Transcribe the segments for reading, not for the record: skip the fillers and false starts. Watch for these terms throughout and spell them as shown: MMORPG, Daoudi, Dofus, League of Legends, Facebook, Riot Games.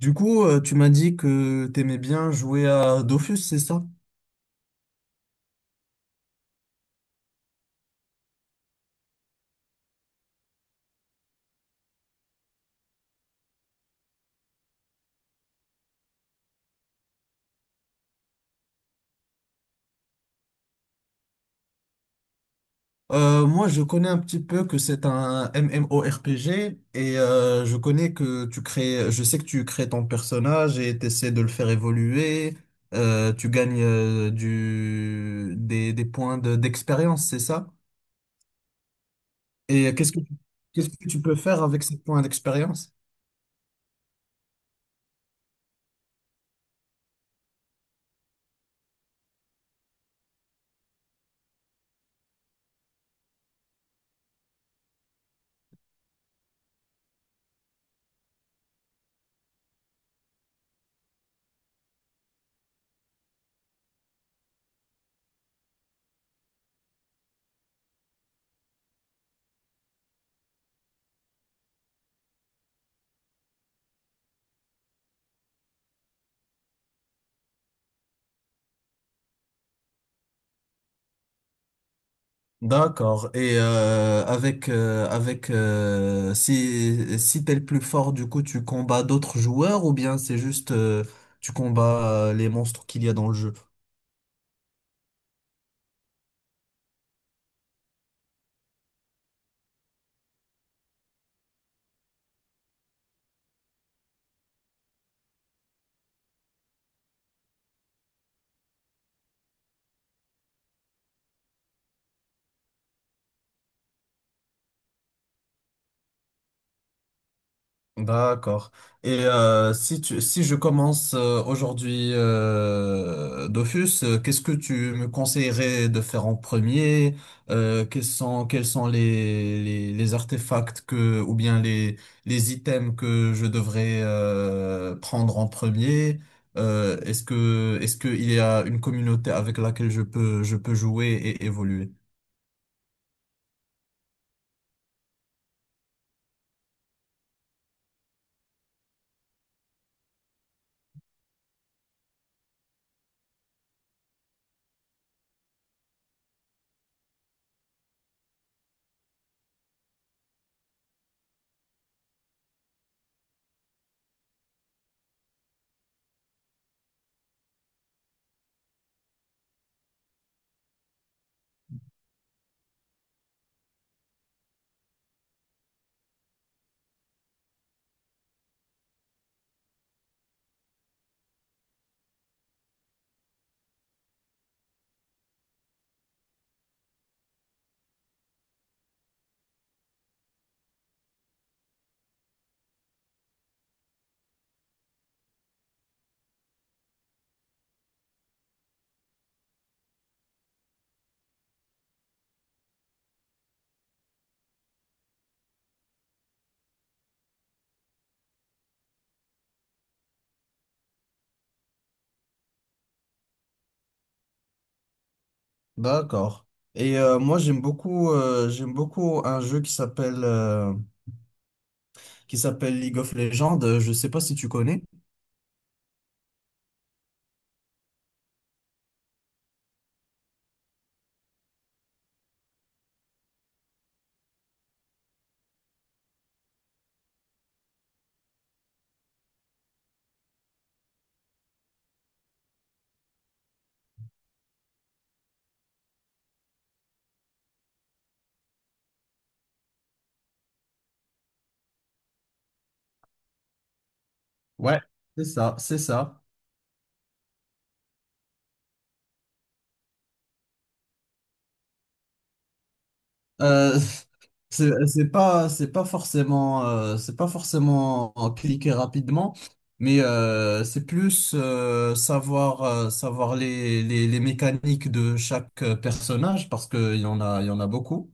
Tu m'as dit que t'aimais bien jouer à Dofus, c'est ça? Moi, je connais un petit peu que c'est un MMORPG et je connais que tu crées, je sais que tu crées ton personnage et t'essaies de le faire évoluer. Tu gagnes des d'expérience, c'est ça? Et qu'est-ce que tu peux faire avec ces points d'expérience? D'accord. Et avec avec si t'es le plus fort, du coup, tu combats d'autres joueurs ou bien c'est juste tu combats les monstres qu'il y a dans le jeu? D'accord. Et si je commence aujourd'hui Dofus, qu'est-ce que tu me conseillerais de faire en premier? Quels sont les artefacts ou bien les items que je devrais prendre en premier? Est-ce qu'il y a une communauté avec laquelle je peux jouer et évoluer? D'accord. Et moi j'aime beaucoup un jeu qui s'appelle League of Legends. Je sais pas si tu connais. Ouais. C'est ça, c'est ça. Euh, c'est pas forcément c'est pas forcément en cliquer rapidement, mais c'est plus savoir savoir les mécaniques de chaque personnage parce que il y en a il y en a beaucoup.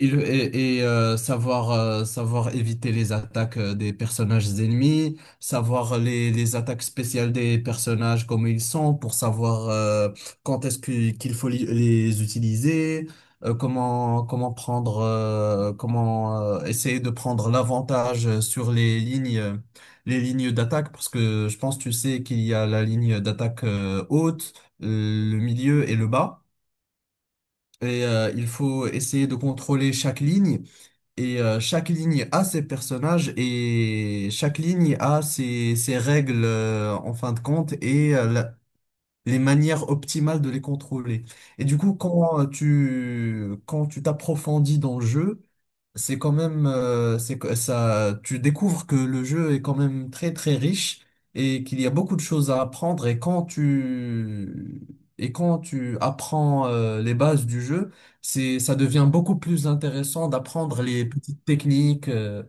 Savoir, savoir éviter les attaques des personnages ennemis, savoir les attaques spéciales des personnages, comme ils sont, pour savoir qu'il faut les utiliser, comment prendre, comment essayer de prendre l'avantage sur les lignes d'attaque, parce que je pense, tu sais, qu'il y a la ligne d'attaque haute, euh, le milieu et le bas. Et il faut essayer de contrôler chaque ligne et chaque ligne a ses personnages et chaque ligne a ses règles en fin de compte et les manières optimales de les contrôler. Et du coup, quand tu t'approfondis dans le jeu, c'est quand même c'est que ça tu découvres que le jeu est quand même très très riche et qu'il y a beaucoup de choses à apprendre et quand tu apprends les bases du jeu, c'est ça devient beaucoup plus intéressant d'apprendre les petites techniques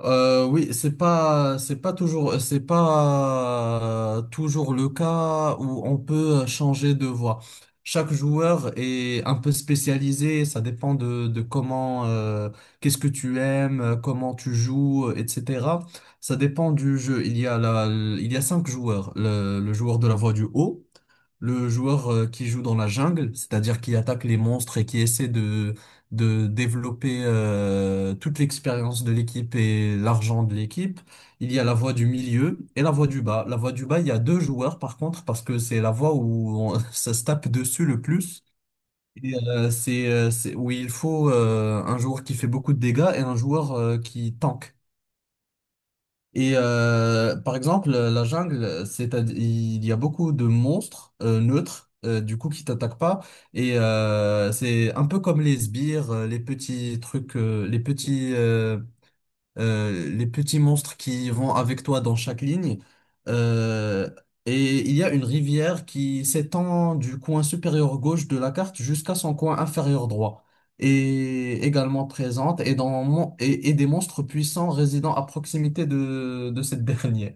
Oui, c'est pas toujours le cas où on peut changer de voix. Chaque joueur est un peu spécialisé, ça dépend de comment, qu'est-ce que tu aimes, comment tu joues, etc. Ça dépend du jeu. Il y a il y a cinq joueurs. Le joueur de la voix du haut, le joueur qui joue dans la jungle, c'est-à-dire qui attaque les monstres et qui essaie de développer toute l'expérience de l'équipe et l'argent de l'équipe. Il y a la voie du milieu et la voie du bas. La voie du bas, il y a deux joueurs par contre, parce que c'est la voie ça se tape dessus le plus. C'est où il faut un joueur qui fait beaucoup de dégâts et un joueur qui tank. Et par exemple, la jungle, c'est il y a beaucoup de monstres neutres, du coup, qui t'attaquent pas. Et c'est un peu comme les sbires, les petits trucs, les petits monstres qui vont avec toi dans chaque ligne. Euh, et il y a une rivière qui s'étend du coin supérieur gauche de la carte jusqu'à son coin inférieur droit. Et également présente et des monstres puissants résidant à proximité de cette dernière.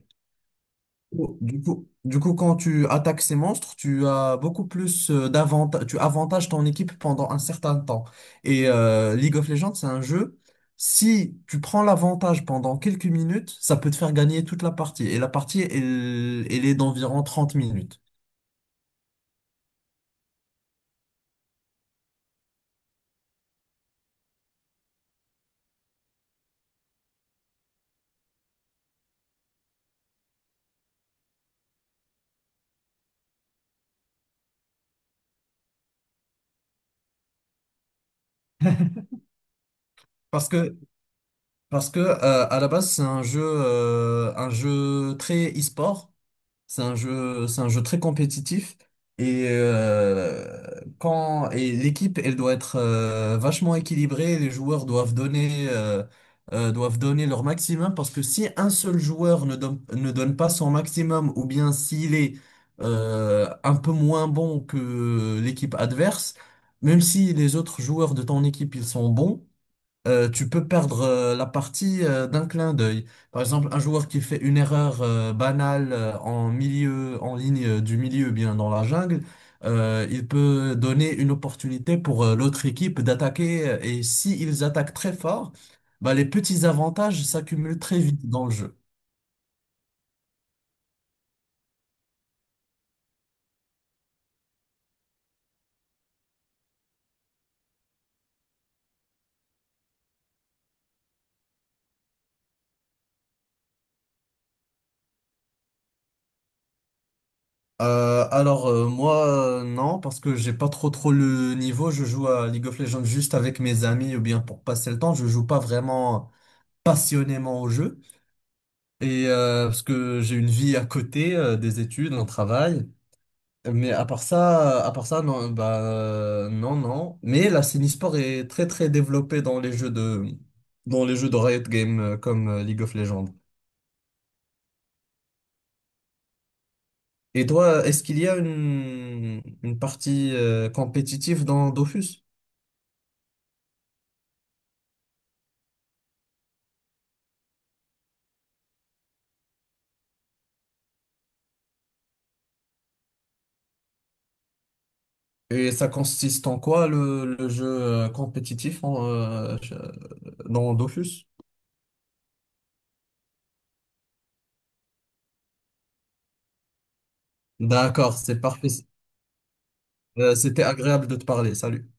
Oh, du coup, quand tu attaques ces monstres, tu as beaucoup plus tu avantages ton équipe pendant un certain temps. Et League of Legends, c'est un jeu, si tu prends l'avantage pendant quelques minutes, ça peut te faire gagner toute la partie. Et la partie, elle, elle est d'environ 30 minutes. Parce que, Parce que à la base, c'est un jeu très e-sport. C'est un jeu très compétitif et quand et l'équipe elle doit être vachement équilibrée. Les joueurs doivent donner leur maximum parce que si un seul joueur ne donne pas son maximum ou bien s'il est un peu moins bon que l'équipe adverse, même si les autres joueurs de ton équipe ils sont bons tu peux perdre la partie d'un clin d'œil. Par exemple, un joueur qui fait une erreur banale en milieu, en ligne du milieu, bien dans la jungle, il peut donner une opportunité pour l'autre équipe d'attaquer. Et si ils attaquent très fort, bah, les petits avantages s'accumulent très vite dans le jeu. Moi non parce que j'ai pas trop trop le niveau. Je joue à League of Legends juste avec mes amis ou bien pour passer le temps. Je joue pas vraiment passionnément au jeu. Et parce que j'ai une vie à côté des études, un travail. Mais à part ça, non, non, non. Mais la Sport est très très développée dans les jeux de dans les jeux de Riot Games comme League of Legends. Et toi, est-ce qu'il y a une partie compétitive dans Dofus? Et ça consiste en quoi le jeu compétitif dans Dofus? D'accord, c'est parfait. C'était agréable de te parler. Salut.